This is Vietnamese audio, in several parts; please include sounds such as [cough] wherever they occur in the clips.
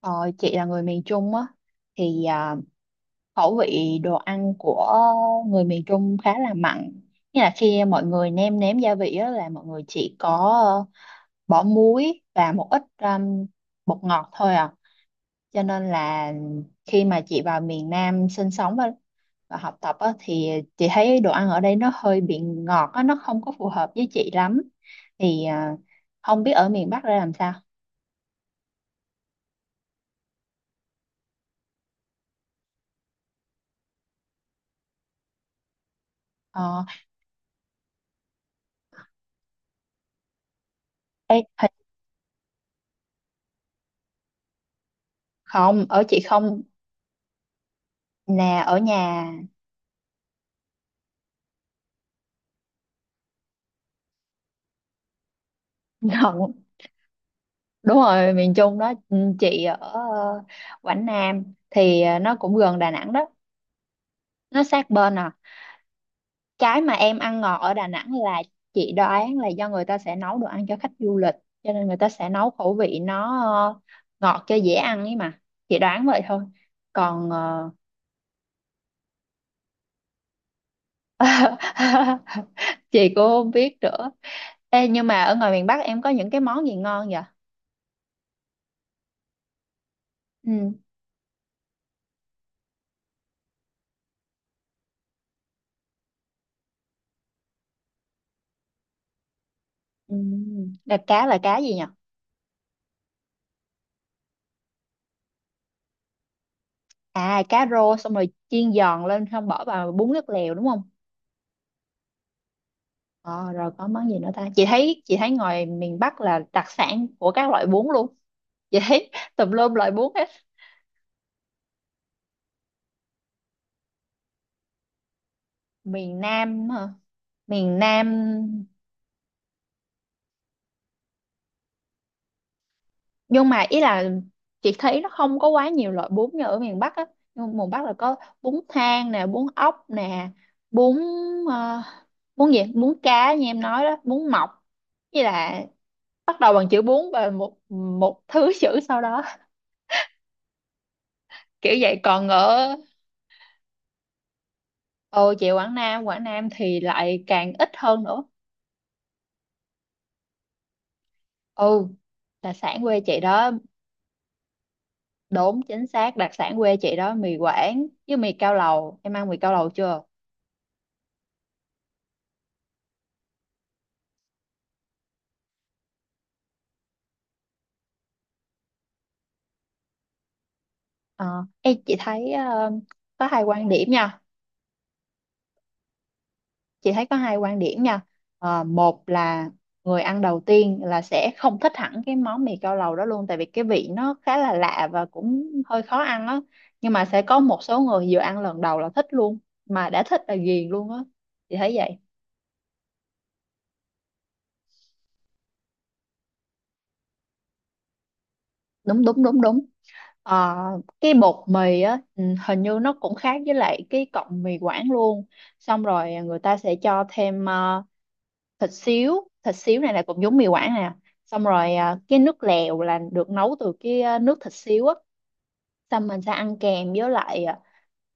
Ờ, chị là người miền Trung á thì khẩu vị đồ ăn của người miền Trung khá là mặn. Nghĩa là khi mọi người nêm nếm gia vị á, là mọi người chỉ có ờ, bỏ muối và một ít bột ngọt thôi à. Cho nên là khi mà chị vào miền Nam sinh sống và học tập á, thì chị thấy đồ ăn ở đây nó hơi bị ngọt á, nó không có phù hợp với chị lắm. Thì không biết ở miền Bắc ra làm sao. Ờ, Ê, không, ở chị không nè, ở nhà. [laughs] Gần đúng rồi, miền Trung đó. Ừ, chị ở Quảng Nam, thì nó cũng gần Đà Nẵng đó, nó sát bên à. Cái mà em ăn ngọt ở Đà Nẵng là chị đoán là do người ta sẽ nấu đồ ăn cho khách du lịch, cho nên người ta sẽ nấu khẩu vị nó ờ, ngọt cho dễ ăn ấy mà. Chị đoán vậy thôi. Còn [laughs] chị cũng không biết nữa. Ê, nhưng mà ở ngoài miền Bắc em có những cái món gì ngon vậy? Ừ. Ừ. Là cá gì nhỉ? À, cá rô xong rồi chiên giòn lên, không bỏ vào bún nước lèo đúng không? Ờ Rồi có món gì nữa ta? Chị thấy ngoài miền Bắc là đặc sản của các loại bún luôn. Chị thấy [laughs] tùm lum loại bún hết. Miền Nam hả? Miền Nam. Nhưng mà ý là chị thấy nó không có quá nhiều loại bún như ở miền Bắc á. Nhưng mà miền Bắc là có bún thang nè, bún ốc nè, bún ờ, bún gì, bún cá như em nói đó, bún mọc, với là bắt đầu bằng chữ bún và một một thứ chữ sau đó, kiểu vậy. Còn ở... Ồ, chị Quảng Nam, Quảng Nam thì lại càng ít hơn nữa. Ừ, đặc sản quê chị đó. Đúng, chính xác, đặc sản quê chị đó mì Quảng với mì cao lầu. Em ăn mì cao lầu chưa? Ờ Ê, chị thấy có hai quan điểm nha. Chị thấy có hai quan điểm nha. Một là người ăn đầu tiên là sẽ không thích hẳn cái món mì cao lầu đó luôn, tại vì cái vị nó khá là lạ và cũng hơi khó ăn á. Nhưng mà sẽ có một số người vừa ăn lần đầu là thích luôn, mà đã thích là ghiền luôn á. Chị thấy vậy. Đúng, đúng, đúng, đúng. Ờ, cái bột mì á hình như nó cũng khác với lại cái cọng mì Quảng luôn. Xong rồi người ta sẽ cho thêm thịt xíu, thịt xíu này là cũng giống mì Quảng nè. Xong rồi cái nước lèo là được nấu từ cái nước thịt xíu á. Xong mình sẽ ăn kèm với lại à,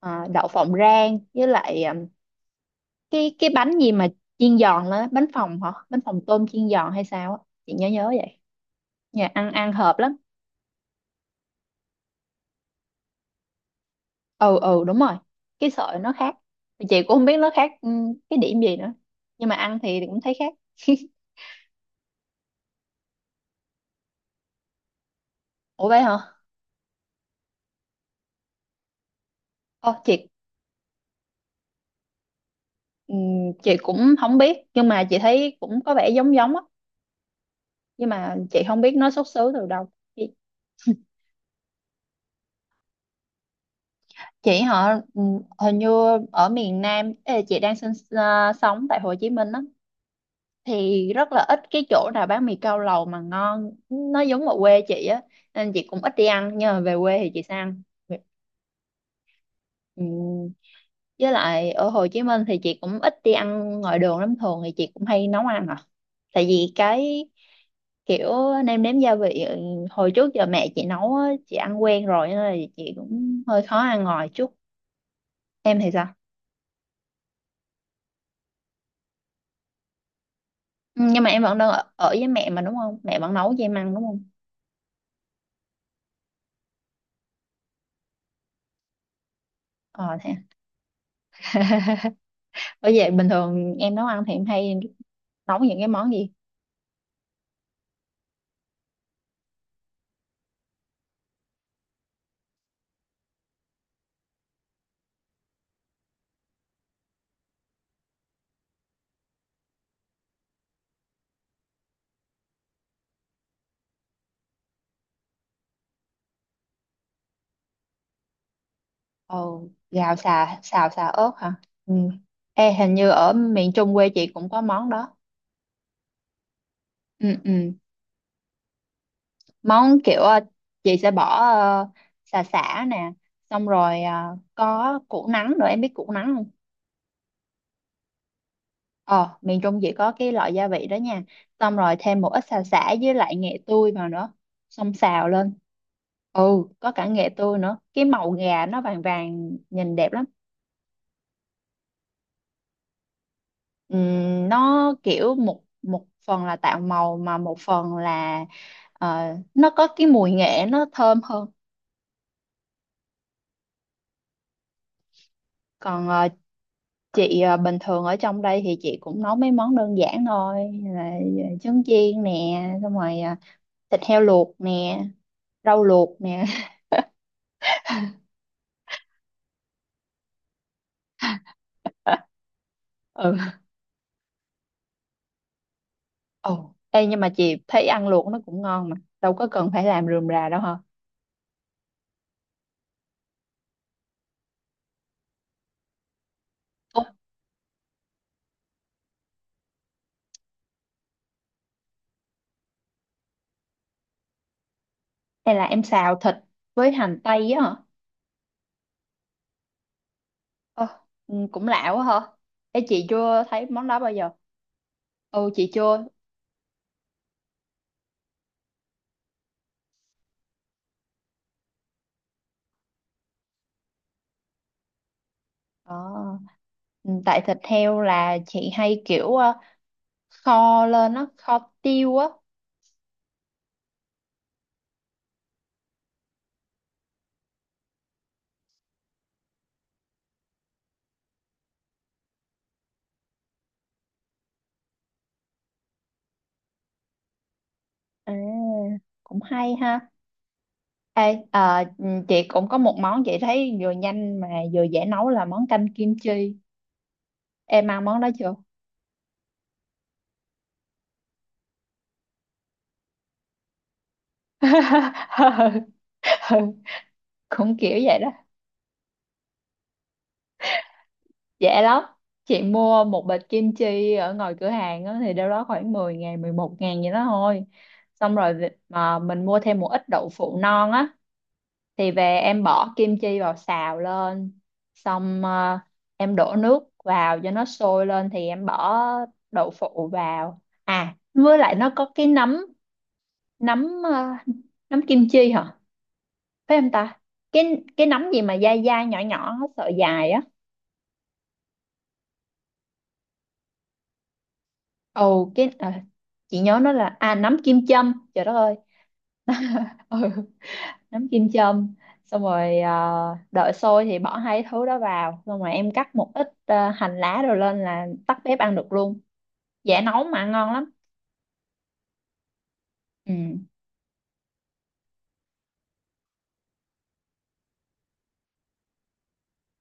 à, đậu phộng rang, với lại cái bánh gì mà chiên giòn lên á, bánh phồng hả, bánh phồng tôm chiên giòn hay sao á. Chị nhớ nhớ vậy. Nhà ăn ăn hợp lắm. Ừ, ừ, đúng rồi, cái sợi nó khác. Thì chị cũng không biết nó khác cái điểm gì nữa, nhưng mà ăn thì cũng thấy khác. Ủa, vậy hả? Ồ, ừ, chị cũng không biết, nhưng mà chị thấy cũng có vẻ giống giống á. Nhưng mà chị không biết nó xuất xứ từ đâu. Chị chị họ ừ, hình như ở miền Nam ê, chị đang sinh sống tại Hồ Chí Minh á, thì rất là ít cái chỗ nào bán mì cao lầu mà ngon nó giống ở quê chị á, nên chị cũng ít đi ăn, nhưng mà về quê thì chị sẽ ăn. Ừ. Với lại ở Hồ Chí Minh thì chị cũng ít đi ăn ngoài đường lắm, thường thì chị cũng hay nấu ăn à. Tại vì cái kiểu nêm nếm gia vị hồi trước giờ mẹ chị nấu á, chị ăn quen rồi nên là chị cũng hơi khó ăn ngoài chút. Em thì sao? Ừ, nhưng mà em vẫn đang ở với mẹ mà đúng không? Mẹ vẫn nấu cho em ăn đúng không? Ờ Thế à? Bởi vậy bình thường em nấu ăn thì em hay nấu những cái món gì? Ồ, xào xà ớt hả? Ừ. Ê, hình như ở miền Trung quê chị cũng có món đó. Ừ, ừ, món kiểu chị sẽ bỏ sả, sả nè, xong rồi có củ nắng nữa, em biết củ nắng không? Ờ Miền Trung chỉ có cái loại gia vị đó nha, xong rồi thêm một ít xả với lại nghệ tươi vào nữa, xong xào lên. Ừ, có cả nghệ tươi nữa, cái màu gà nó vàng vàng nhìn đẹp lắm. Nó kiểu một một phần là tạo màu mà một phần là ờ, nó có cái mùi nghệ nó thơm hơn. Còn chị bình thường ở trong đây thì chị cũng nấu mấy món đơn giản thôi là trứng chiên nè, xong rồi thịt heo luộc nè, rau luộc nè. [laughs] Ừ. Ê, nhưng mà chị thấy ăn luộc nó cũng ngon mà, đâu có cần phải làm rườm rà đâu hả. Ủa, hay là em xào thịt với hành tây á hả? ờ ừ, cũng lạ quá hả. Ê, chị chưa thấy món đó bao giờ. Ừ, chị chưa. ờ Ừ, tại thịt heo là chị hay kiểu kho lên á, kho tiêu á. À, cũng hay ha. Ê, chị cũng có một món chị thấy vừa nhanh mà vừa dễ nấu là món canh kim chi. Em ăn món đó chưa? [laughs] Ừ, cũng kiểu vậy đó. Dễ lắm. Chị mua một bịch kim chi ở ngoài cửa hàng á, thì đâu đó khoảng 10.000, 11.000 vậy đó thôi. Xong rồi mà mình mua thêm một ít đậu phụ non á, thì về em bỏ kim chi vào xào lên, xong em đổ nước vào cho nó sôi lên thì em bỏ đậu phụ vào với lại nó có cái nấm, nấm ờ, nấm kim chi hả? Phải, em ta, cái nấm gì mà dai dai nhỏ nhỏ sợi dài á. Cái chị nhớ nó là nấm kim châm, trời đất ơi. Ừ. Nấm kim châm, xong rồi đợi sôi thì bỏ hai thứ đó vào, xong rồi em cắt một ít hành lá rồi lên là tắt bếp ăn được luôn, dễ nấu mà ngon lắm. Ừ.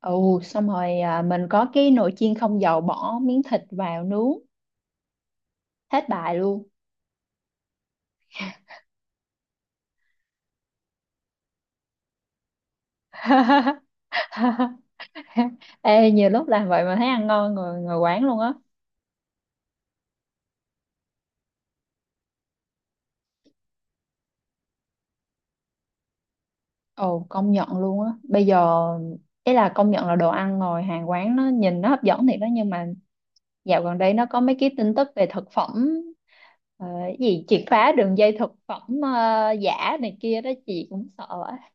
Xong rồi mình có cái nồi chiên không dầu, bỏ miếng thịt vào nướng, hết bài luôn. [laughs] Ê, nhiều lúc làm vậy mà thấy ăn ngon người người quán luôn á. Công nhận luôn á bây giờ, ý là công nhận là đồ ăn ngồi hàng quán nó nhìn nó hấp dẫn thiệt đó, nhưng mà dạo gần đây nó có mấy cái tin tức về thực phẩm cái gì triệt phá đường dây thực phẩm giả này kia đó, chị cũng sợ quá.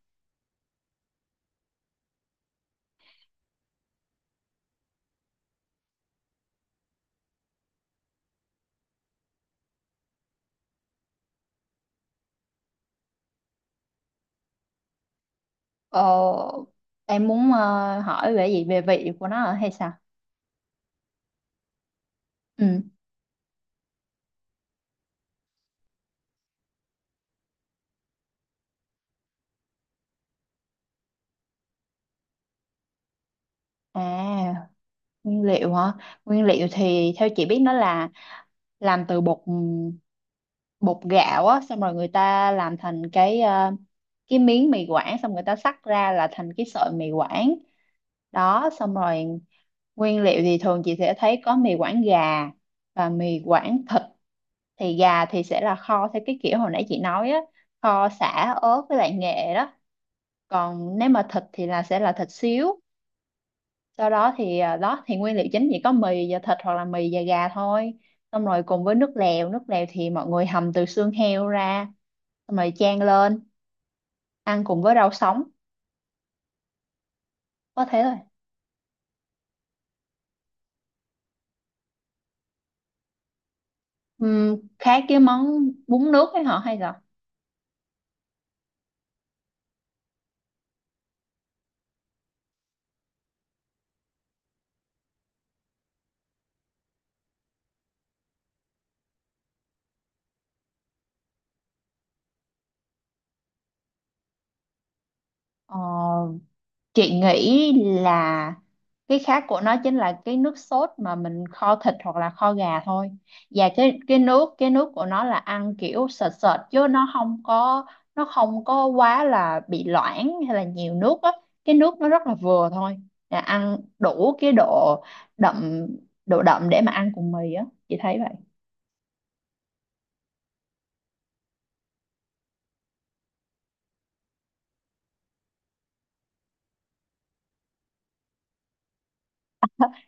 Ờ, em muốn hỏi về gì về vị của nó hả hay sao? Ừ. À, nguyên liệu hả? Nguyên liệu thì theo chị biết nó là làm từ bột bột gạo á, xong rồi người ta làm thành cái miếng mì Quảng, xong người ta xắt ra là thành cái sợi mì Quảng. Đó, xong rồi nguyên liệu thì thường chị sẽ thấy có mì Quảng gà và mì Quảng thịt. Thì gà thì sẽ là kho theo cái kiểu hồi nãy chị nói á, kho sả, ớt với lại nghệ đó. Còn nếu mà thịt thì là sẽ là thịt xíu, sau đó thì đó thì nguyên liệu chính chỉ có mì và thịt hoặc là mì và gà thôi, xong rồi cùng với nước lèo. Nước lèo thì mọi người hầm từ xương heo ra, xong rồi chan lên ăn cùng với rau sống, có thế thôi. Khác cái món bún nước ấy hả, hay là... ờ Chị nghĩ là cái khác của nó chính là cái nước sốt mà mình kho thịt hoặc là kho gà thôi. Và cái nước của nó là ăn kiểu sệt sệt, chứ nó không có quá là bị loãng hay là nhiều nước á. Cái nước nó rất là vừa thôi. Là ăn đủ cái độ đậm, để mà ăn cùng mì á. Chị thấy vậy.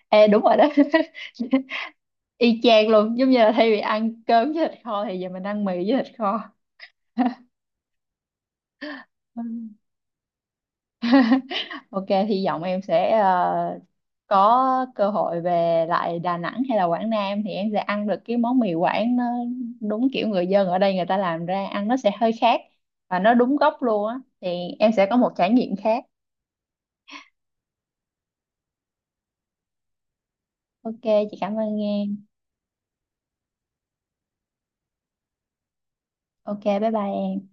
Ê, đúng rồi đó. [laughs] Y chang luôn, giống như là thay vì ăn cơm với thịt kho thì giờ mình ăn mì với thịt kho. Ok, hy vọng em sẽ có cơ hội về lại Đà Nẵng hay là Quảng Nam thì em sẽ ăn được cái món mì Quảng nó đúng kiểu người dân ở đây người ta làm ra, ăn nó sẽ hơi khác và nó đúng gốc luôn á, thì em sẽ có một trải nghiệm khác. Ok, chị cảm ơn em. Ok, bye bye em.